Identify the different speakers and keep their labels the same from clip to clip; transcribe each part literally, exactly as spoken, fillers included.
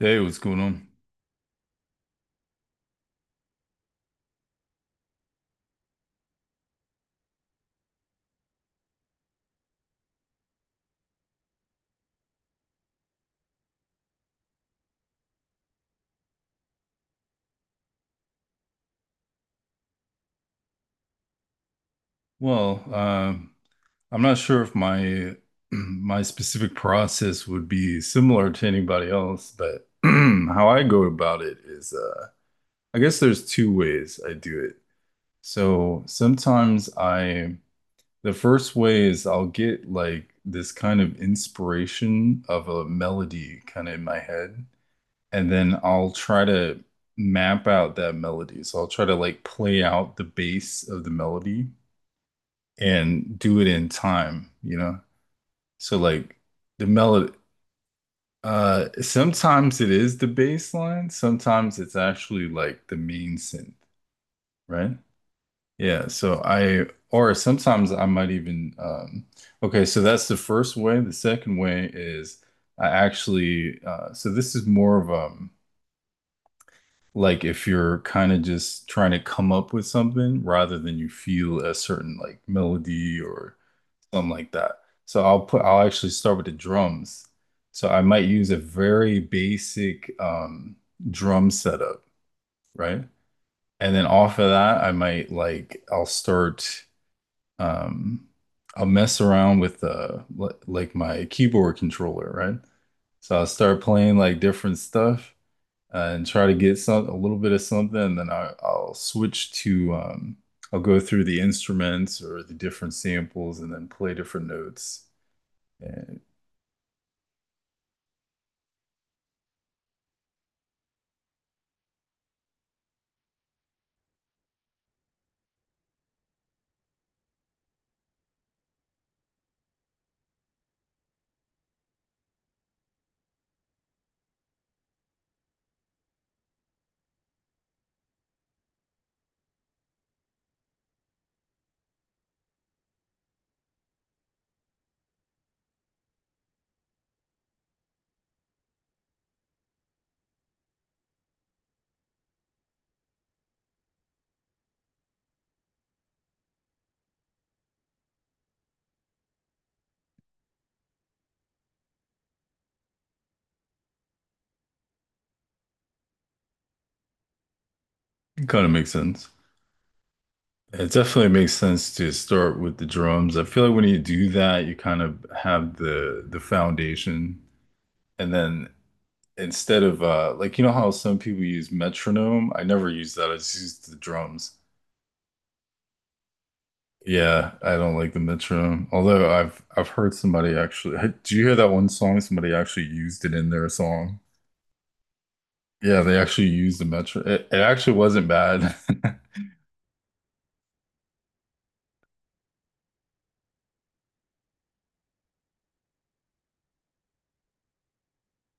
Speaker 1: Hey, what's going on? Well, um, I'm not sure if my my specific process would be similar to anybody else, but how I go about it is, uh, I guess there's two ways I do it. So sometimes I, the first way is I'll get like this kind of inspiration of a melody kind of in my head, and then I'll try to map out that melody. So I'll try to like play out the bass of the melody and do it in time, you know? So like the melody uh sometimes it is the bass line, sometimes it's actually like the main synth, right? Yeah, so I or sometimes I might even um okay, so that's the first way. The second way is I actually uh so this is more of um like if you're kind of just trying to come up with something rather than you feel a certain like melody or something like that. So I'll put I'll actually start with the drums. So I might use a very basic um drum setup, right? And then off of that, I might like I'll start um I'll mess around with uh like my keyboard controller, right? So I'll start playing like different stuff uh, and try to get some a little bit of something, and then I, I'll switch to um I'll go through the instruments or the different samples and then play different notes. And. It kind of makes sense. It definitely makes sense to start with the drums. I feel like when you do that, you kind of have the the foundation, and then instead of uh like you know how some people use metronome, I never use that. I just use the drums. Yeah, I don't like the metronome. Although I've I've heard somebody actually. Hey, do you hear that one song? Somebody actually used it in their song. Yeah, they actually used the metro. It, it actually wasn't bad.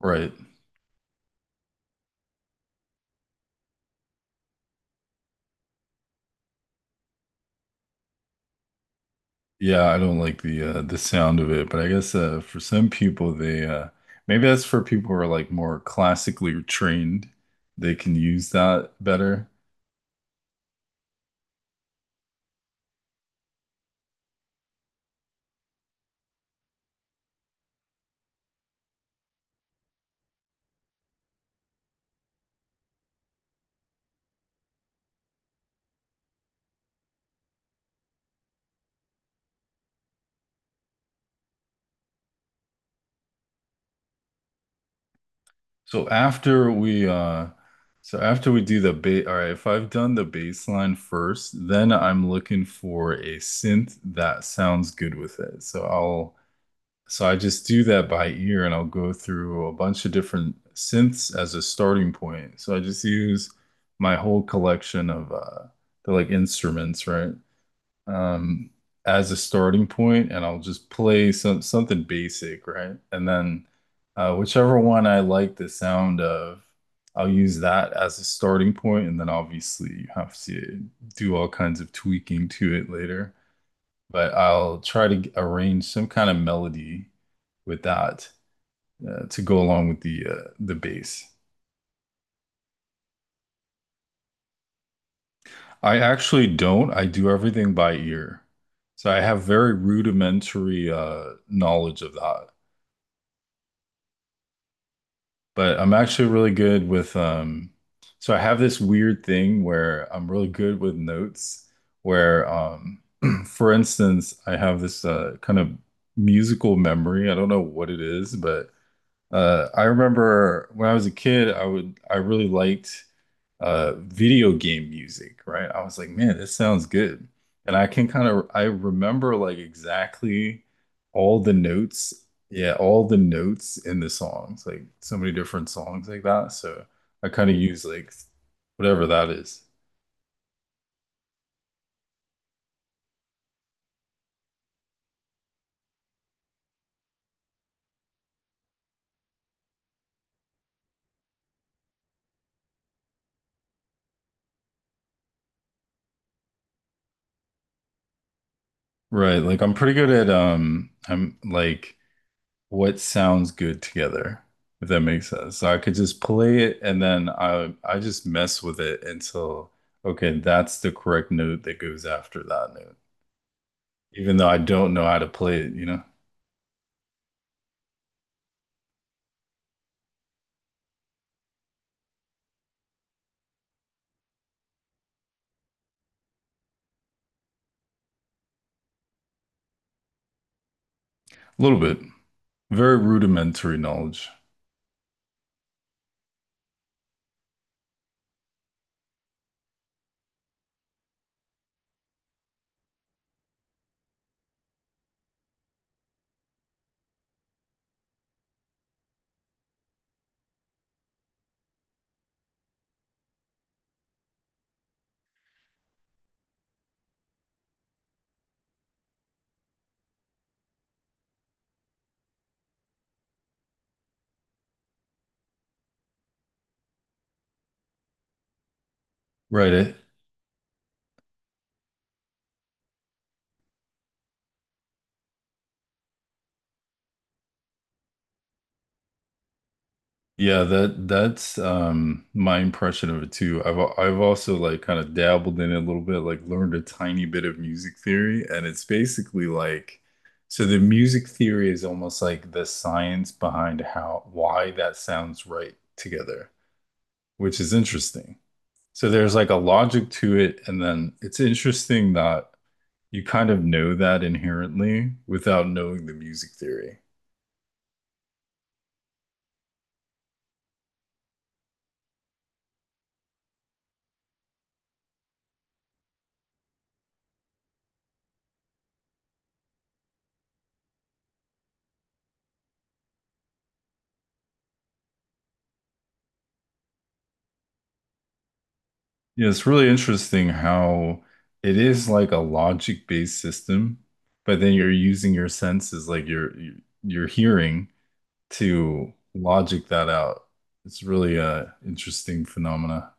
Speaker 1: Right. Yeah, I don't like the uh, the sound of it, but I guess uh, for some people they uh, maybe that's for people who are like more classically trained. They can use that better. So after we uh so after we do the ba all right, if I've done the bass line first, then I'm looking for a synth that sounds good with it. So I'll So I just do that by ear and I'll go through a bunch of different synths as a starting point. So I just use my whole collection of uh they like instruments, right? Um as a starting point and I'll just play some something basic, right? And then uh whichever one I like the sound of, I'll use that as a starting point and then obviously you have to do all kinds of tweaking to it later. But I'll try to arrange some kind of melody with that, uh, to go along with the uh, the bass. I actually don't. I do everything by ear. So I have very rudimentary uh, knowledge of that. But I'm actually really good with um so I have this weird thing where I'm really good with notes where um for instance, I have this uh, kind of musical memory. I don't know what it is, but Uh, I remember when I was a kid, I would I really liked uh, video game music, right? I was like, man, this sounds good. And I can kind of I remember like exactly all the notes, yeah, all the notes in the songs, like so many different songs like that. So I kind of use like whatever that is. Right. Like I'm pretty good at um I'm like what sounds good together, if that makes sense. So I could just play it and then I I just mess with it until okay, that's the correct note that goes after that note. Even though I don't know how to play it, you know. A little bit. Very rudimentary knowledge. Right. Yeah, that that's um my impression of it too. I've al- I've also like kind of dabbled in it a little bit, like learned a tiny bit of music theory, and it's basically like so the music theory is almost like the science behind how why that sounds right together, which is interesting. So there's like a logic to it, and then it's interesting that you kind of know that inherently without knowing the music theory. Yeah, it's really interesting how it is like a logic-based system, but then you're using your senses, like your your your hearing, to logic that out. It's really a interesting phenomena.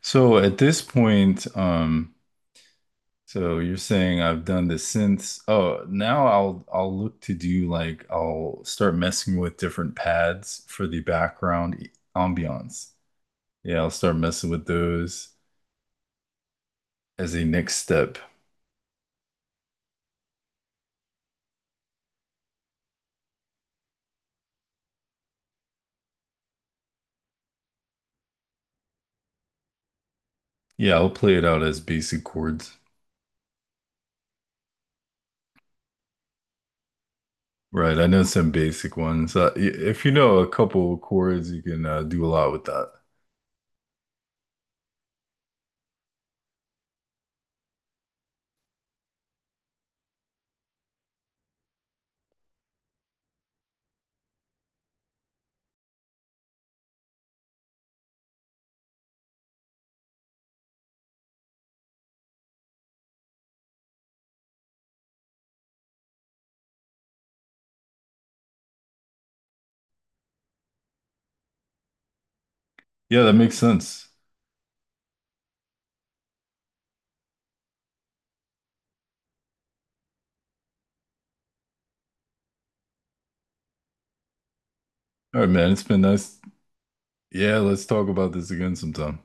Speaker 1: So at this point, um, so you're saying I've done this since. Oh, now I'll I'll look to do like I'll start messing with different pads for the background ambiance. Yeah, I'll start messing with those as a next step. Yeah, I'll play it out as basic chords. Right, I know some basic ones. Uh, i- if you know a couple chords, you can uh, do a lot with that. Yeah, that makes sense. All right, man, it's been nice. Yeah, let's talk about this again sometime.